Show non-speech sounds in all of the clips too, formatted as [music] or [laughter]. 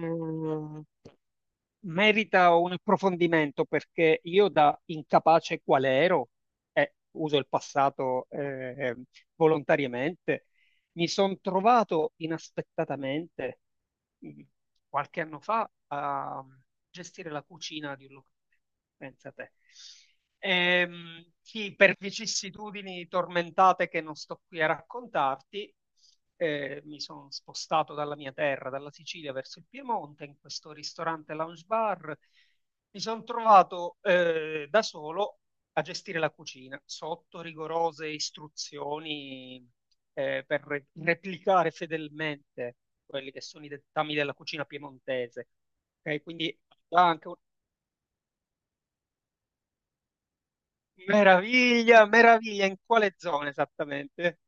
Mm, Merita un approfondimento perché io da incapace qual ero, e uso il passato volontariamente, mi sono trovato inaspettatamente mh, qualche anno fa a gestire la cucina di un locale, pensa te. Sì, per vicissitudini tormentate che non sto qui a raccontarti, mi sono spostato dalla mia terra, dalla Sicilia verso il Piemonte, in questo ristorante lounge bar. Mi sono trovato da solo a gestire la cucina sotto rigorose istruzioni per replicare fedelmente quelli che sono i dettami della cucina piemontese. Ok, quindi ah, anche un- meraviglia, meraviglia, in quale zona esattamente?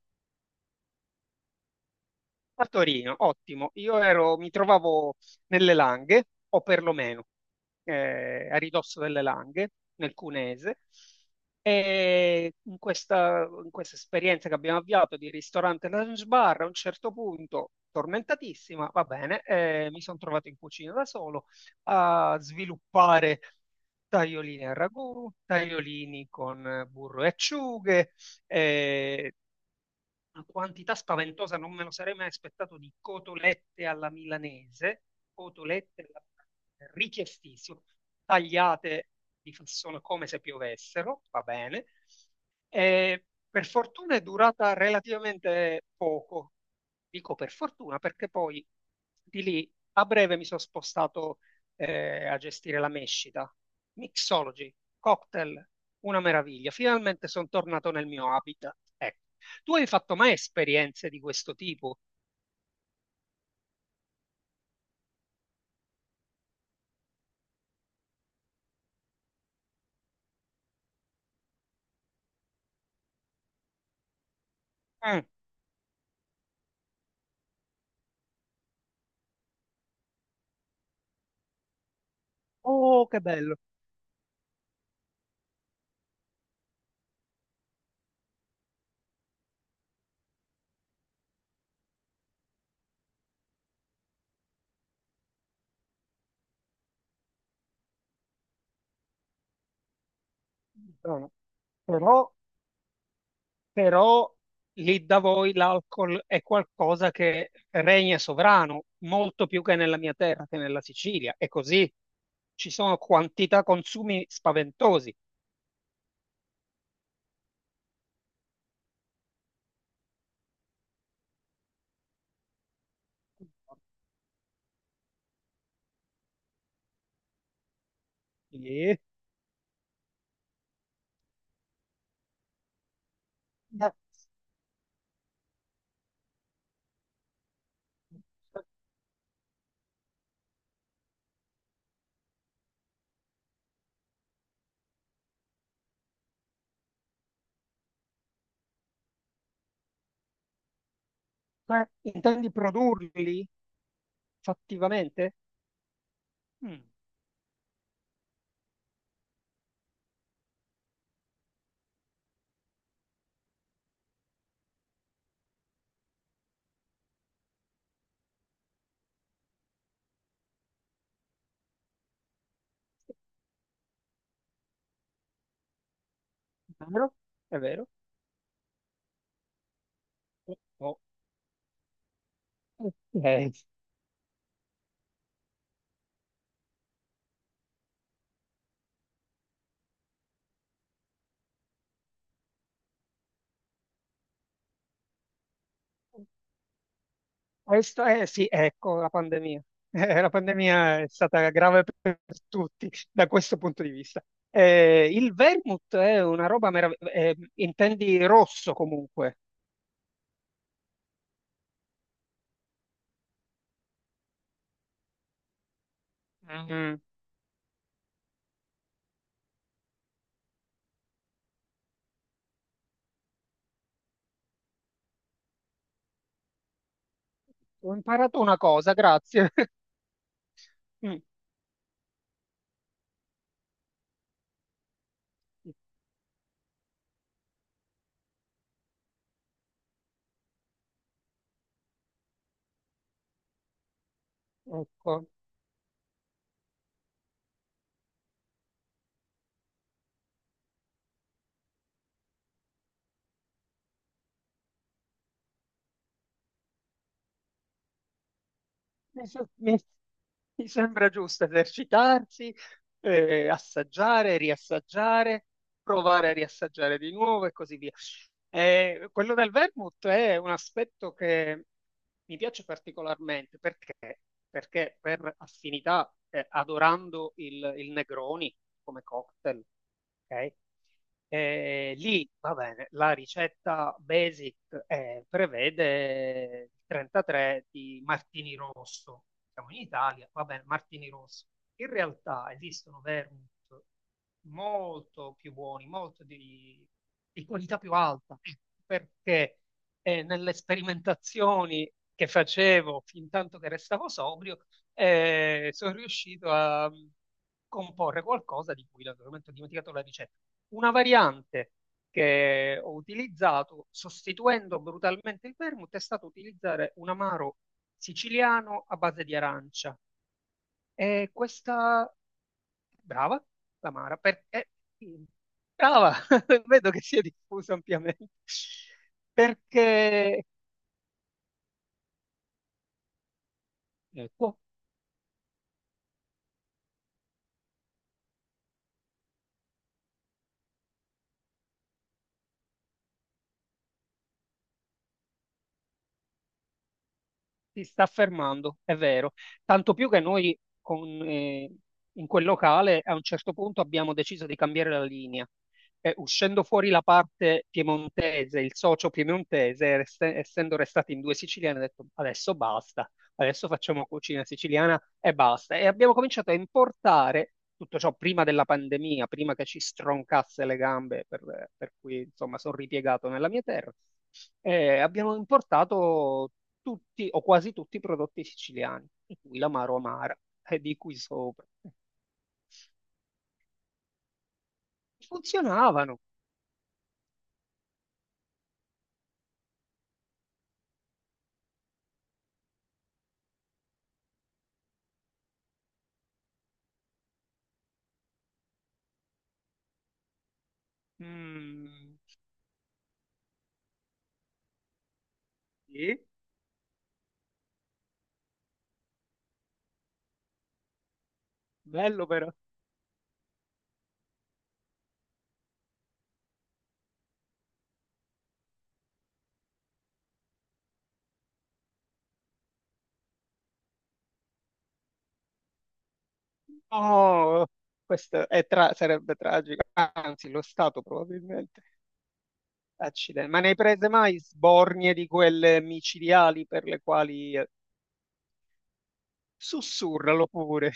A Torino, ottimo. Io ero, mi trovavo nelle Langhe, o perlomeno a ridosso delle Langhe, nel Cunese, e in questa esperienza che abbiamo avviato di ristorante lounge bar, a un certo punto, tormentatissima, va bene, mi sono trovato in cucina da solo a sviluppare tagliolini a ragù, tagliolini con burro e acciughe, eh, una quantità spaventosa, non me lo sarei mai aspettato, di cotolette alla milanese, richiestissimo, tagliate di fassone come se piovessero, va bene. E per fortuna è durata relativamente poco, dico per fortuna, perché poi di lì a breve mi sono spostato a gestire la mescita. Mixology, cocktail, una meraviglia. Finalmente sono tornato nel mio habitat. Ecco. Tu hai fatto mai esperienze di questo tipo? Mm. Oh, che bello. Bene. Però, però lì da voi l'alcol è qualcosa che regna sovrano, molto più che nella mia terra, che nella Sicilia. E così ci sono quantità consumi spaventosi. Sì. Ma intendi produrli fattivamente? Mm. È vero? È vero? Oh, ok. Questo, eh sì, ecco la pandemia. [laughs] La pandemia è stata grave per tutti da questo punto di vista. Il vermouth è una roba meravigliosa, intendi rosso comunque. Mm. Ho imparato una cosa, grazie. [laughs] Mm. Ecco, mi, se- mi- mi sembra giusto esercitarsi, assaggiare, riassaggiare, provare a riassaggiare di nuovo e così via. Quello del vermouth è un aspetto che mi piace particolarmente perché per affinità, adorando il Negroni come cocktail, ok? Lì va bene, la ricetta basic prevede il 33 di Martini Rosso. Siamo in Italia, va bene, Martini Rosso. In realtà esistono vermouth molto più buoni, di qualità più alta, perché nelle sperimentazioni che facevo fin tanto che restavo sobrio, sono riuscito a comporre qualcosa di cui naturalmente ho dimenticato la ricetta. Una variante che ho utilizzato sostituendo brutalmente il vermouth è stato utilizzare un amaro siciliano a base di arancia. E questa, brava, l'amara, perché... Brava, [laughs] vedo che si è diffusa ampiamente. Perché eh, si sta fermando, è vero. Tanto più che noi in quel locale a un certo punto abbiamo deciso di cambiare la linea. Uscendo fuori la parte piemontese, il socio piemontese, essendo restati in due siciliani, ha detto adesso basta, adesso facciamo cucina siciliana e basta. E abbiamo cominciato a importare tutto ciò prima della pandemia, prima che ci stroncasse le gambe, per cui insomma sono ripiegato nella mia terra. Abbiamo importato tutti o quasi tutti i prodotti siciliani, in cui l'amaro amara e di cui sopra. Funzionavano. Mm, sì, bello però. Oh, questo è sarebbe tragico, anzi lo Stato probabilmente. Accidenti. Ma ne hai prese mai sbornie di quelle micidiali per le quali... sussurralo pure.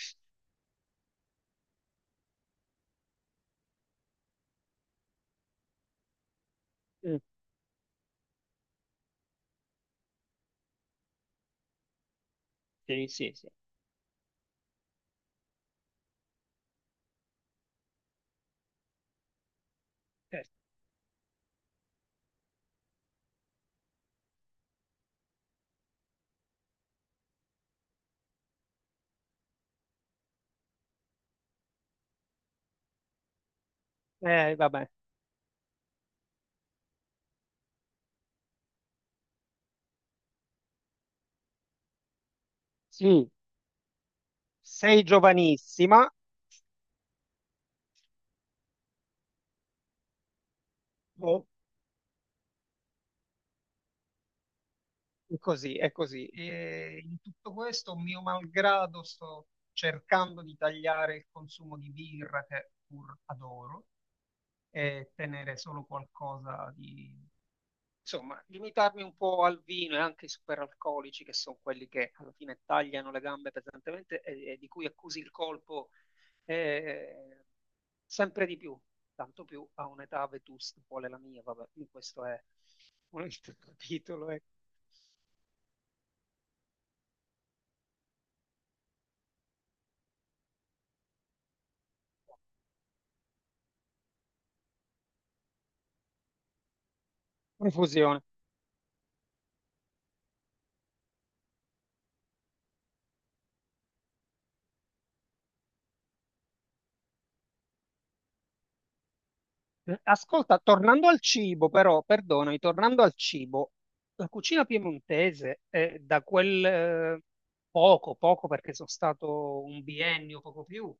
Mm, sì, sì, sì. Certo. Vabbè. Sì, sei giovanissima. Oh. È così, è così. E in tutto questo, mio malgrado, sto cercando di tagliare il consumo di birra che pur adoro e tenere solo qualcosa di... Insomma, limitarmi un po' al vino e anche ai superalcolici, che sono quelli che alla fine tagliano le gambe pesantemente e di cui accusi il colpo eh, sempre di più, tanto più a un'età vetusta quale la mia, vabbè, questo è un altro [laughs] capitolo e confusione. Ascolta, tornando al cibo, però, perdonami, tornando al cibo, la cucina piemontese è da quel poco, poco perché sono stato un biennio, poco più,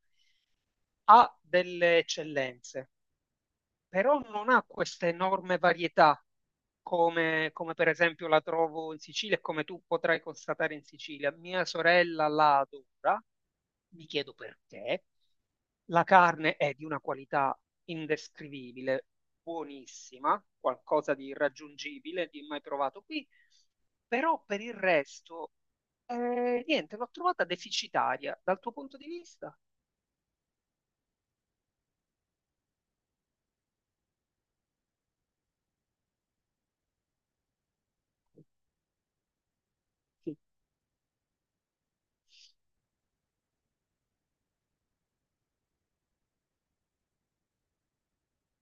ha delle eccellenze però non ha questa enorme varietà come per esempio la trovo in Sicilia e come tu potrai constatare in Sicilia. Mia sorella la adora, mi chiedo perché. La carne è di una qualità indescrivibile, buonissima, qualcosa di irraggiungibile, di mai provato qui, però per il resto, niente, l'ho trovata deficitaria dal tuo punto di vista.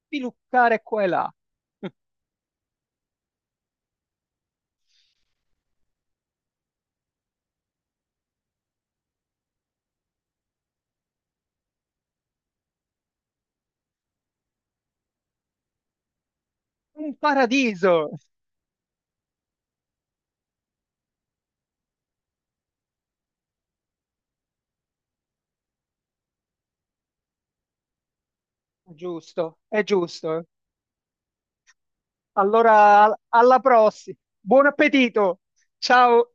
Piluccare qua e là, [laughs] un paradiso! Giusto, è giusto. Allora, alla prossima. Buon appetito. Ciao.